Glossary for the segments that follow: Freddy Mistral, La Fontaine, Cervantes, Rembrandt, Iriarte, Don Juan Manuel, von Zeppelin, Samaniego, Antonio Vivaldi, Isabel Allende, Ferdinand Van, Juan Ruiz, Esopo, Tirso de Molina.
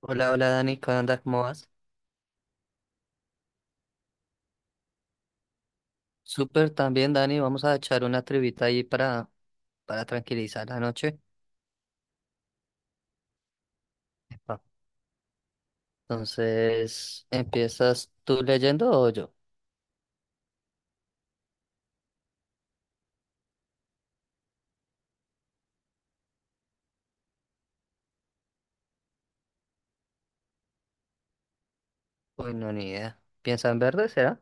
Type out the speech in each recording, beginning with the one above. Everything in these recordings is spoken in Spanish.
Hola, hola Dani, ¿cómo andas? ¿Cómo vas? Súper también, Dani, vamos a echar una trivita ahí para tranquilizar la noche. Epa. Entonces, ¿empiezas tú leyendo o yo? Uy, no, ni idea. ¿Piensa en verde, será?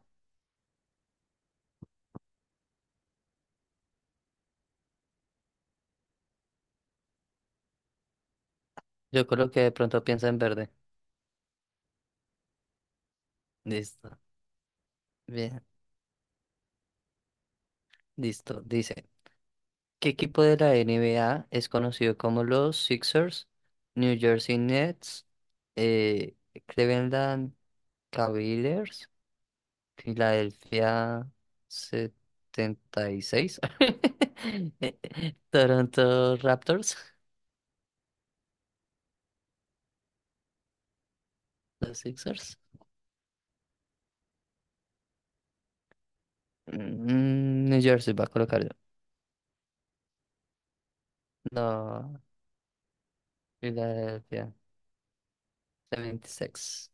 Yo creo que de pronto piensa en verde. Listo. Bien, listo. Dice, ¿qué equipo de la NBA es conocido como los Sixers, New Jersey Nets, eh, Cleveland Cavaliers, Filadelfia 76, Toronto Raptors? Los Sixers. Mm, New Jersey va a colocar yo. No, Filadelfia 76.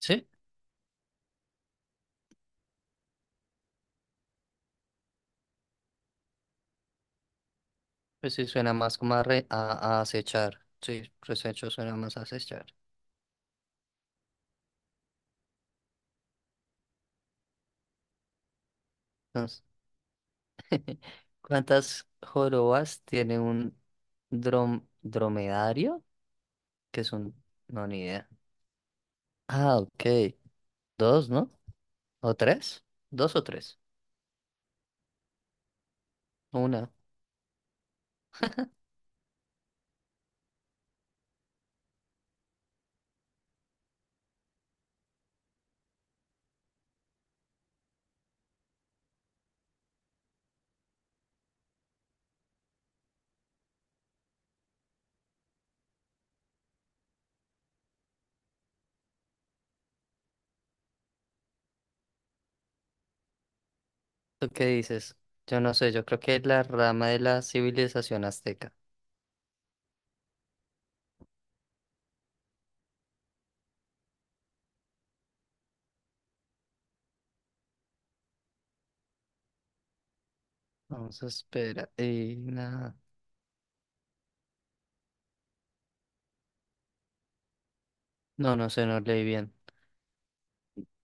Sí, pues sí suena más como a, a acechar. Sí, resecho suena más a acechar. Entonces, ¿cuántas jorobas tiene un dromedario? Que es un... No, ni idea. Ah, ok. Dos, ¿no? ¿O tres? ¿Dos o tres? Una. ¿Tú qué dices? Yo no sé, yo creo que es la rama de la civilización azteca. Vamos a esperar. Y nada. No, no sé, no leí bien.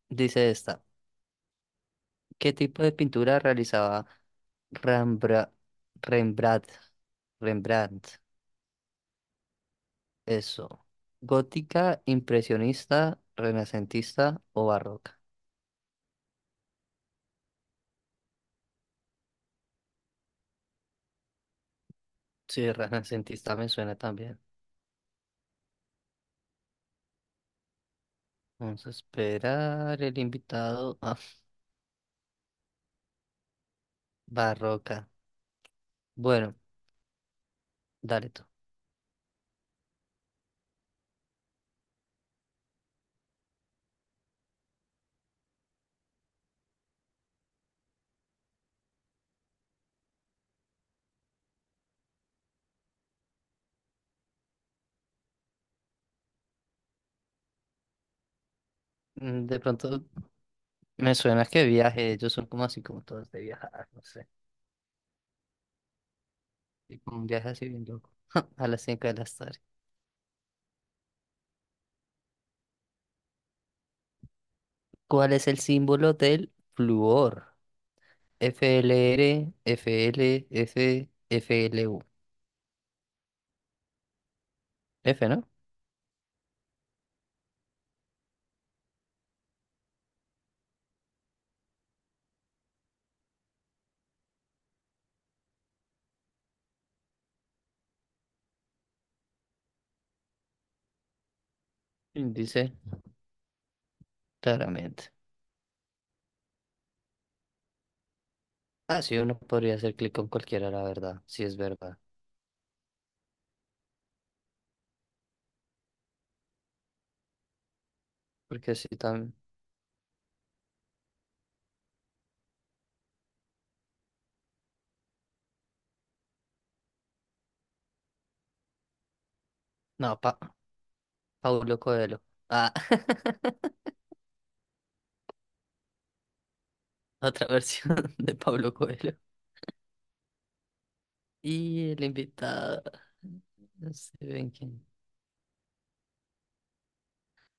Dice esta. ¿Qué tipo de pintura realizaba Rembra- Rembrandt? Rembrandt. Eso. ¿Gótica, impresionista, renacentista o barroca? Sí, renacentista me suena también. Vamos a esperar el invitado. Ah, barroca. Bueno. Dale tú. Mm, de pronto me suena que viaje, ellos son como así como todos de viajar, no sé. Y como un viaje así bien loco. A las 5 de la tarde. ¿Cuál es el símbolo del flúor? F L R F, L FLU. F, L U. F, ¿no? Índice, claramente. Ah, sí, uno podría hacer clic con cualquiera, la verdad, si es verdad. Porque si también. No, pa Paulo Coelho. Ah, otra versión de Pablo Coelho. Y el invitado. No sé bien quién.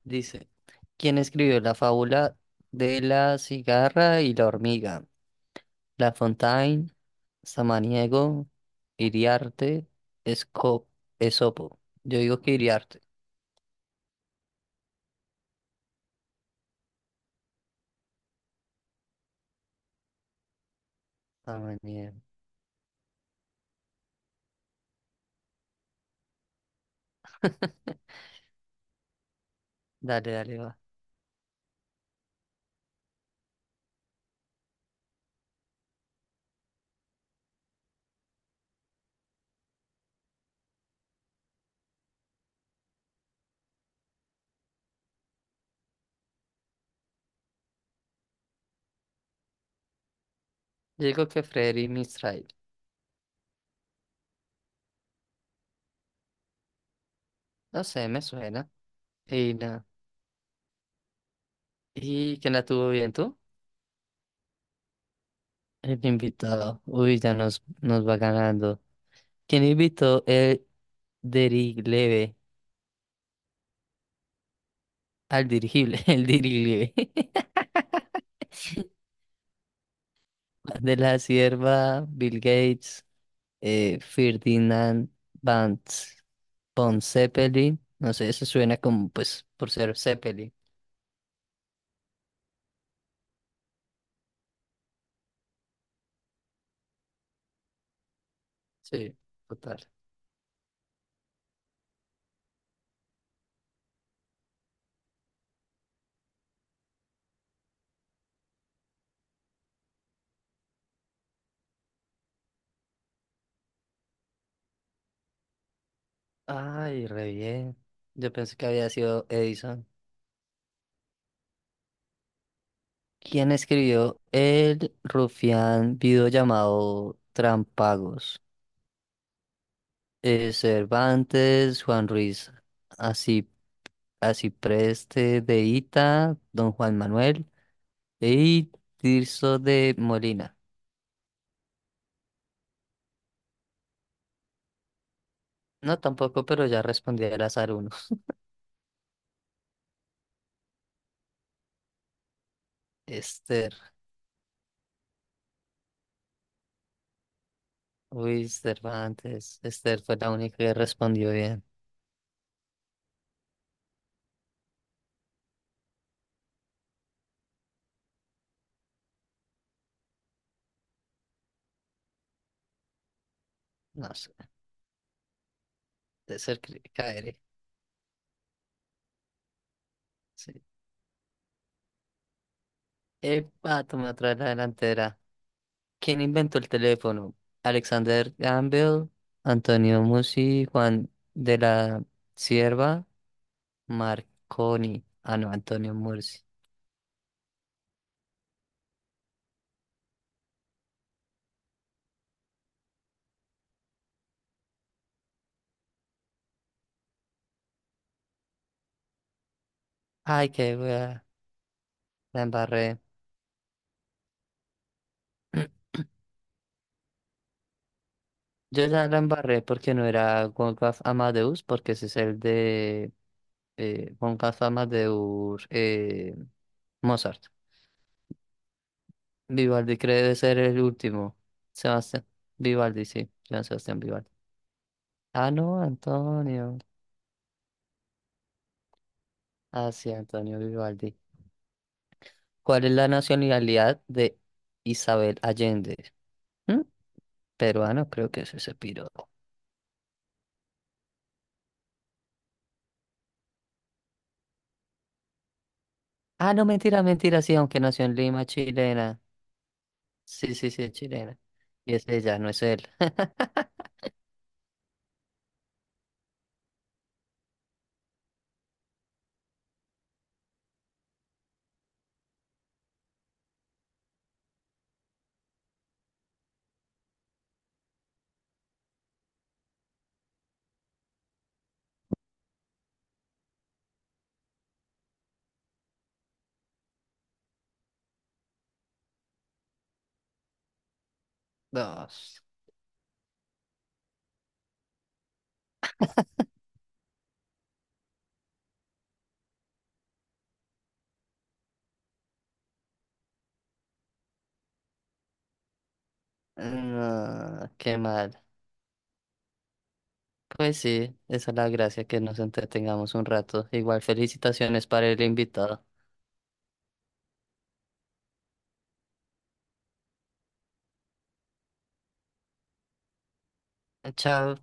Dice, ¿quién escribió la fábula de la cigarra y la hormiga? La Fontaine, Samaniego, Iriarte, Esco- Esopo. Yo digo que Iriarte. Samaniego. Dale, dale, va. Yo digo que Freddy Mistral. No sé, me suena. Y nada. ¿Y quién la tuvo bien tú? El invitado. Uy, ya nos va ganando. ¿Quién invitó el dirigible? Al dirigible, el dirigible. De la Sierva, Bill Gates, Ferdinand Van, von Zeppelin. No sé, eso suena como, pues, por ser Zeppelin. Sí, total. Ay, re bien. Yo pensé que había sido Edison. ¿Quién escribió el rufián video llamado Trampagos? Cervantes, Juan Ruiz, así, así preste de Ita, Don Juan Manuel y Tirso de Molina. No, tampoco, pero ya respondí al azar uno. Esther. Uy, Cervantes. Esther fue la única que respondió bien. No sé, de ser que caeré. Sí. Epa, toma otra la delantera. ¿Quién inventó el teléfono? Alexander Gamble, Antonio Musi, Juan de la Sierva, Marconi. Ah, no, Antonio Mursi. Ay, qué wea. La embarré. Yo ya la embarré porque no era Wolfgang Amadeus, porque ese es el de con la fama de Mozart. Vivaldi cree de ser el último. Sebastián Vivaldi, sí, Joan Sebastián Vivaldi. Ah, no, Antonio. Ah, sí, Antonio Vivaldi. ¿Cuál es la nacionalidad de Isabel Allende? ¿Mm? Peruano, creo que es ese piro. Ah, no, mentira, mentira, sí, aunque nació en Lima, chilena. Sí, sí, sí, es chilena. Y es ella, no es él. Dos. No, qué mal. Pues sí, esa es la gracia, que nos entretengamos un rato. Igual felicitaciones para el invitado. Chao.